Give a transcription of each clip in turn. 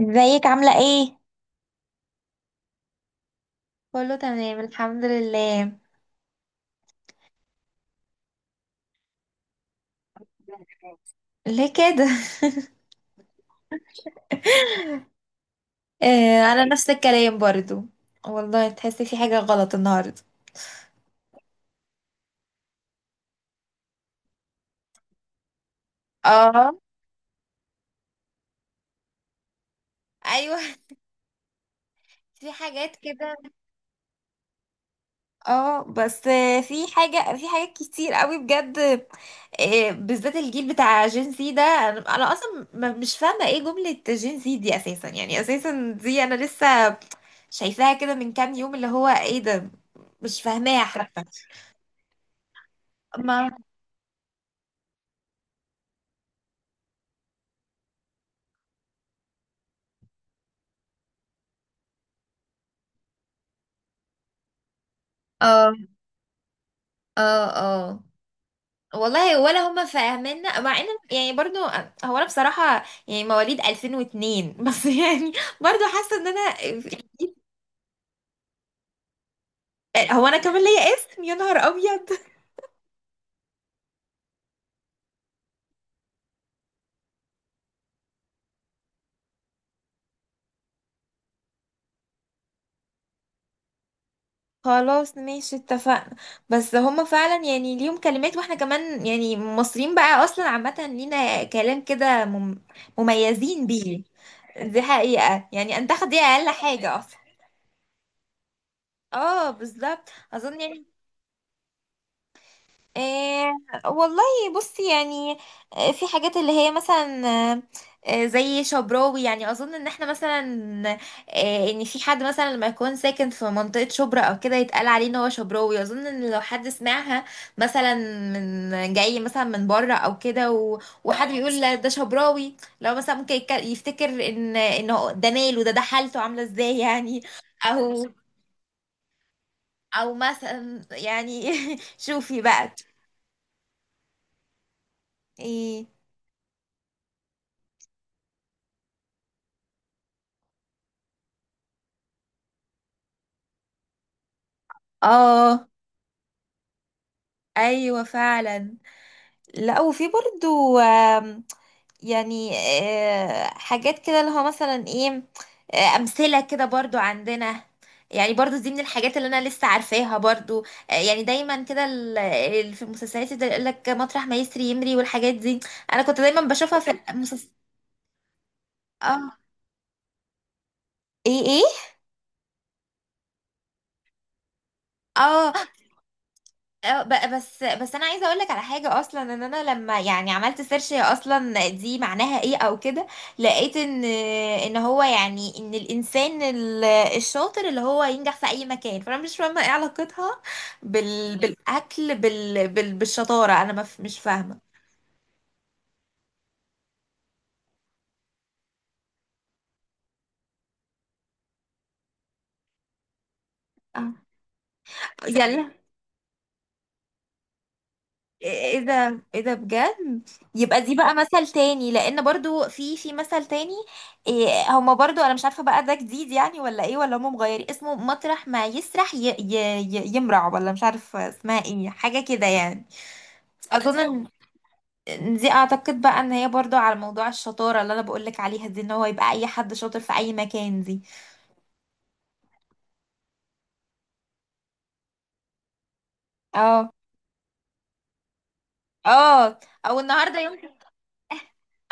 ازيك عاملة ايه؟ كله تمام الحمد لله. ليه كده؟ آه انا نفس الكلام برضو. والله تحسي في حاجة غلط النهاردة. اه ايوه. في حاجات كده. اه بس في حاجة، في حاجات كتير قوي بجد. بالذات الجيل بتاع جين سي ده، انا اصلا مش فاهمة ايه جملة جين سي دي اساسا، يعني اساسا دي انا لسه شايفاها كده من كام يوم، اللي هو ايه ده؟ مش فاهماها حتى. ما اه اه اه والله ولا هما فاهميننا، مع ان يعني برضو. هو انا بصراحة يعني مواليد 2002 بس يعني برضو حاسة ان انا. هو انا كمان ليا اسم، يا نهار ابيض. خلاص ماشي اتفقنا. بس هما فعلا يعني ليهم كلمات، واحنا كمان يعني مصريين بقى اصلا عامة لينا كلام كده مميزين بيه. دي حقيقة يعني انت، دي اقل حاجة اصلا. اه بالظبط اظن يعني. آه والله، بصي يعني، في حاجات اللي هي مثلا آه، زي شبراوي. يعني اظن ان احنا مثلا، آه ان في حد مثلا لما يكون ساكن في منطقة شبرا او كده يتقال عليه ان هو شبراوي. اظن ان لو حد سمعها مثلا من جاي مثلا من بره او كده وحد بيقول لا ده شبراوي، لو مثلا ممكن يفتكر ان هو ده ماله، ده ده حالته عاملة ازاي يعني. او او مثلا يعني شوفي بقى. ايه. اه ايوه فعلا. لا وفي برضو يعني حاجات كده اللي هو مثلا ايه، امثله كده برضو عندنا، يعني برضو دي من الحاجات اللي انا لسه عارفاها برضو. يعني دايما كده في المسلسلات ده يقول لك مطرح ما يسري يمري والحاجات دي، انا كنت دايما بشوفها في المسلسل. اه ايه ايه. اه اه بس انا عايزه اقول لك على حاجه اصلا. ان انا لما يعني عملت سيرش هي اصلا دي معناها ايه او كده، لقيت ان هو يعني، ان الانسان الشاطر اللي هو ينجح في اي مكان. فانا مش فاهمه ايه علاقتها بالاكل، بالشطاره انا ما ف- مش فاهمه. اه. يلا، ايه ده، ايه ده بجد. يبقى دي بقى مثل تاني، لان برضو في مثل تاني إيه هما برضو. انا مش عارفة بقى ده جديد يعني ولا ايه، ولا هما مغيرين اسمه مطرح ما يسرح ي ي ي يمرع ولا مش عارفة اسمها ايه، حاجة كده يعني. اظن ان، إن دي اعتقد بقى ان هي برضو على موضوع الشطارة اللي انا بقولك عليها دي، ان هو يبقى اي حد شاطر في اي مكان دي. اه اه. او النهارده يوم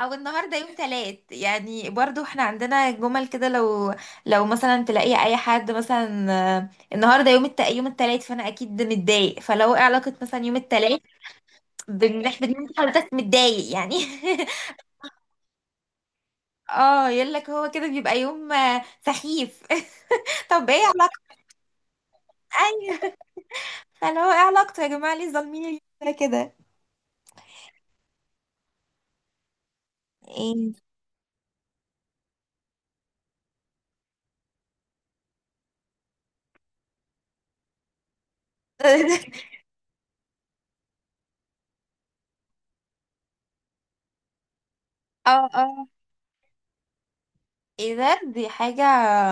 او النهارده يوم تلات، يعني برضو احنا عندنا جمل كده. لو لو مثلا تلاقي اي حد مثلا النهارده يوم يوم التلات، فانا اكيد متضايق. فلو ايه علاقه مثلا يوم التلات، بنحب ان انت حضرتك متضايق يعني. اه يقول لك هو كده بيبقى يوم سخيف. طب ايه علاقته. ايوه فلو ايه علاقته يا جماعه، ليه ظالمين اليوم ده كده. ايه. اه اه. اذا دي حاجة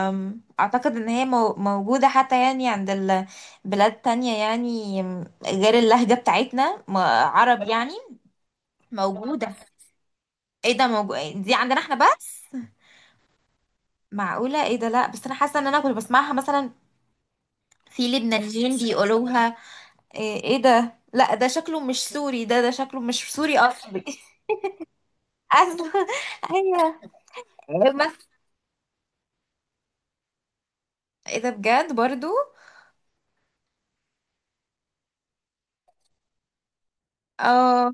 اعتقد ان هي موجودة حتى يعني عند البلاد تانية يعني، غير اللهجة بتاعتنا عرب يعني. موجودة؟ ايه ده، موجود! دي عندنا احنا بس. معقولة؟ ايه ده. لا بس انا حاسة ان انا كنت بسمعها مثلا في لبنانيين بيقولوها. ايه إيه ده، لا ده شكله مش سوري، ده شكله مش سوري اصلي. اصلا. ايوه. بس ايه ده بجد برضو. اه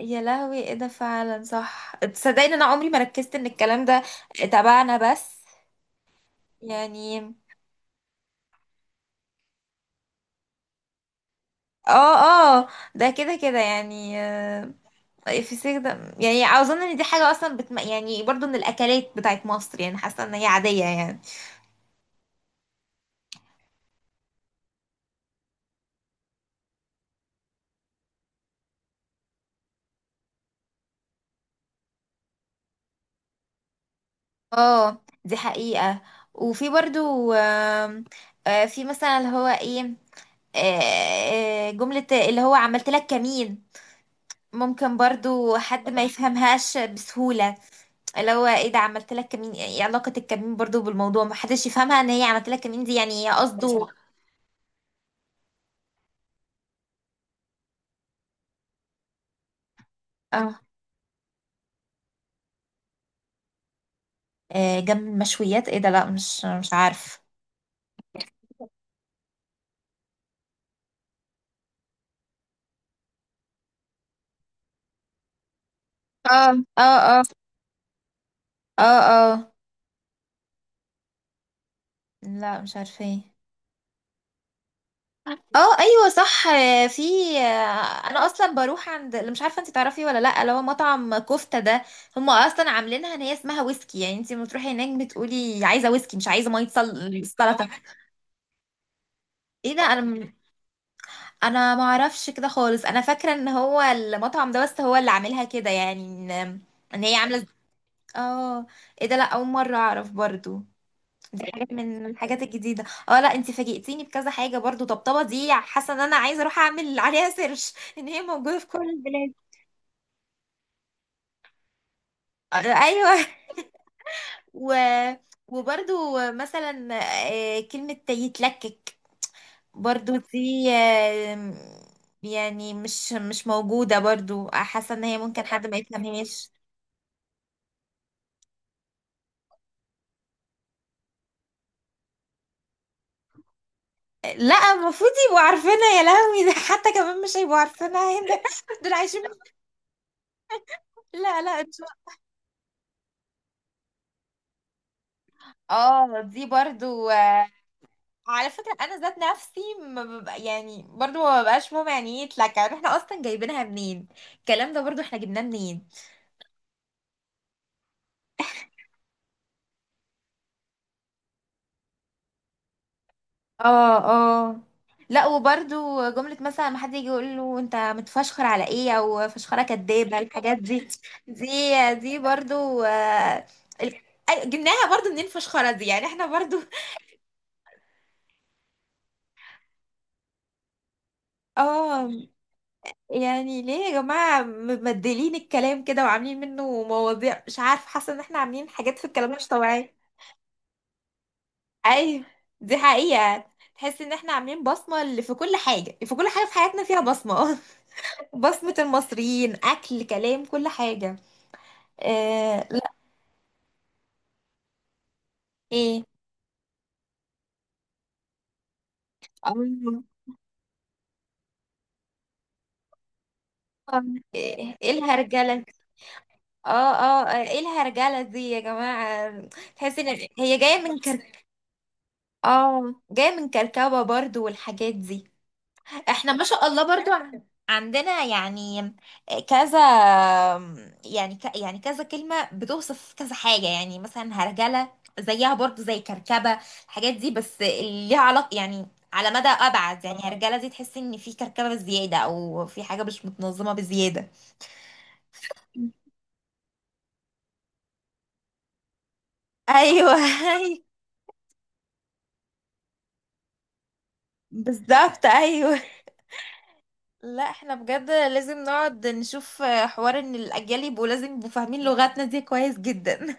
يا لهوي، ايه ده فعلا صح. تصدقني انا عمري ما ركزت ان الكلام ده تبعنا بس يعني. اه اه. ده كده كده يعني في السيخ ده، يعني اظن ان دي حاجة اصلا يعني برضو من الاكلات بتاعت مصر، يعني حاسة ان هي عادية يعني. اه دي حقيقة. وفي برضو في مثلا اللي هو ايه، آه، جملة اللي هو عملت لك كمين، ممكن برضو حد ما يفهمهاش بسهولة. اللي هو ايه ده عملت لك كمين، ايه علاقة الكمين برضو بالموضوع. ما حدش يفهمها ان هي عملت لك كمين دي، يعني هي قصده. اه جنب المشويات، ايه ده لا مش عارف. اه اه اه اه اه. لا مش عارفه، ايه؟ اه ايوه صح في انا اصلا بروح عند اللي، مش عارفه انت تعرفي ولا لا، اللي هو مطعم كفته ده، هم اصلا عاملينها ان هي اسمها ويسكي. يعني انت لما تروحي هناك بتقولي عايزه ويسكي، مش عايزه ميه سلطه. ايه ده، انا ما اعرفش كده خالص. انا فاكره ان هو المطعم ده بس هو اللي عاملها كده، يعني ان ان هي عامله. اه. ايه ده، لا اول مره اعرف برضو. دي حاجه من الحاجات الجديده. اه لا انت فاجئتيني بكذا حاجه، برضو طبطبه دي حاسه ان انا عايزه اروح اعمل عليها سيرش ان هي موجوده في كل البلاد. ايوه و... وبرضو مثلا كلمه يتلكك، برضو دي يعني مش موجودة برضو، حاسة ان هي ممكن حد ما يفهمهاش. لا المفروض يبقوا عارفينها. يا لهوي، ده حتى كمان مش هيبقوا عارفينها. هنا دول عايشين. لا لا ان شاء الله. اه دي برضو على فكرة انا ذات نفسي ما ببقى يعني برضو ما ببقاش فاهمة يعني ايه اتلكع، يعني احنا اصلا جايبينها منين الكلام ده، برضو احنا جبناه منين. اه اه. لا وبرضو جملة مثلا ما حد يجي يقول له انت متفشخر على ايه، او فشخرة كدابة، الحاجات دي، دي برضو ال- جبناها برضو منين فشخرة دي، يعني احنا برضو. اه يعني ليه يا جماعة مبدلين الكلام كده وعاملين منه مواضيع، مش عارف حاسة ان احنا عاملين حاجات في الكلام مش طبيعية. ايوه دي حقيقة، تحس ان احنا عاملين بصمة، اللي في كل حاجة، في كل حاجة في حياتنا فيها بصمة. بصمة المصريين، اكل كلام كل حاجة. آه لا. ايه؟ آه، ايه إيه الهرجلة. اه اه ايه الهرجلة دي يا جماعة. تحس ان هي جاية من كرك. اه جاية من كركبة برضو والحاجات دي. احنا ما شاء الله برضو عندنا يعني كذا يعني يعني كذا كلمة بتوصف كذا حاجة. يعني مثلا هرجلة زيها برضو زي كركبة، الحاجات دي بس ليها علاقة يعني على مدى أبعد. يعني هرجلة دي تحس إن في كركبة زيادة، أو في حاجة مش متنظمة بزيادة. أيوه أيوه بالظبط أيوه. لا احنا بجد لازم نقعد نشوف حوار ان الاجيال يبقوا لازم يبقوا فاهمين لغتنا دي كويس جدا.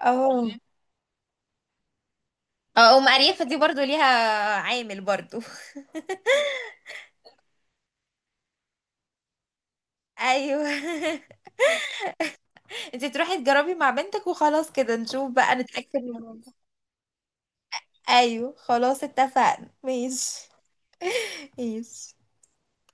اه اه. ام اريافه دي برضو ليها عامل برضو. ايوه. انت تروحي تجربي مع بنتك وخلاص، كده نشوف بقى نتاكد من الموضوع. ايوه خلاص اتفقنا، ماشي. ماشي.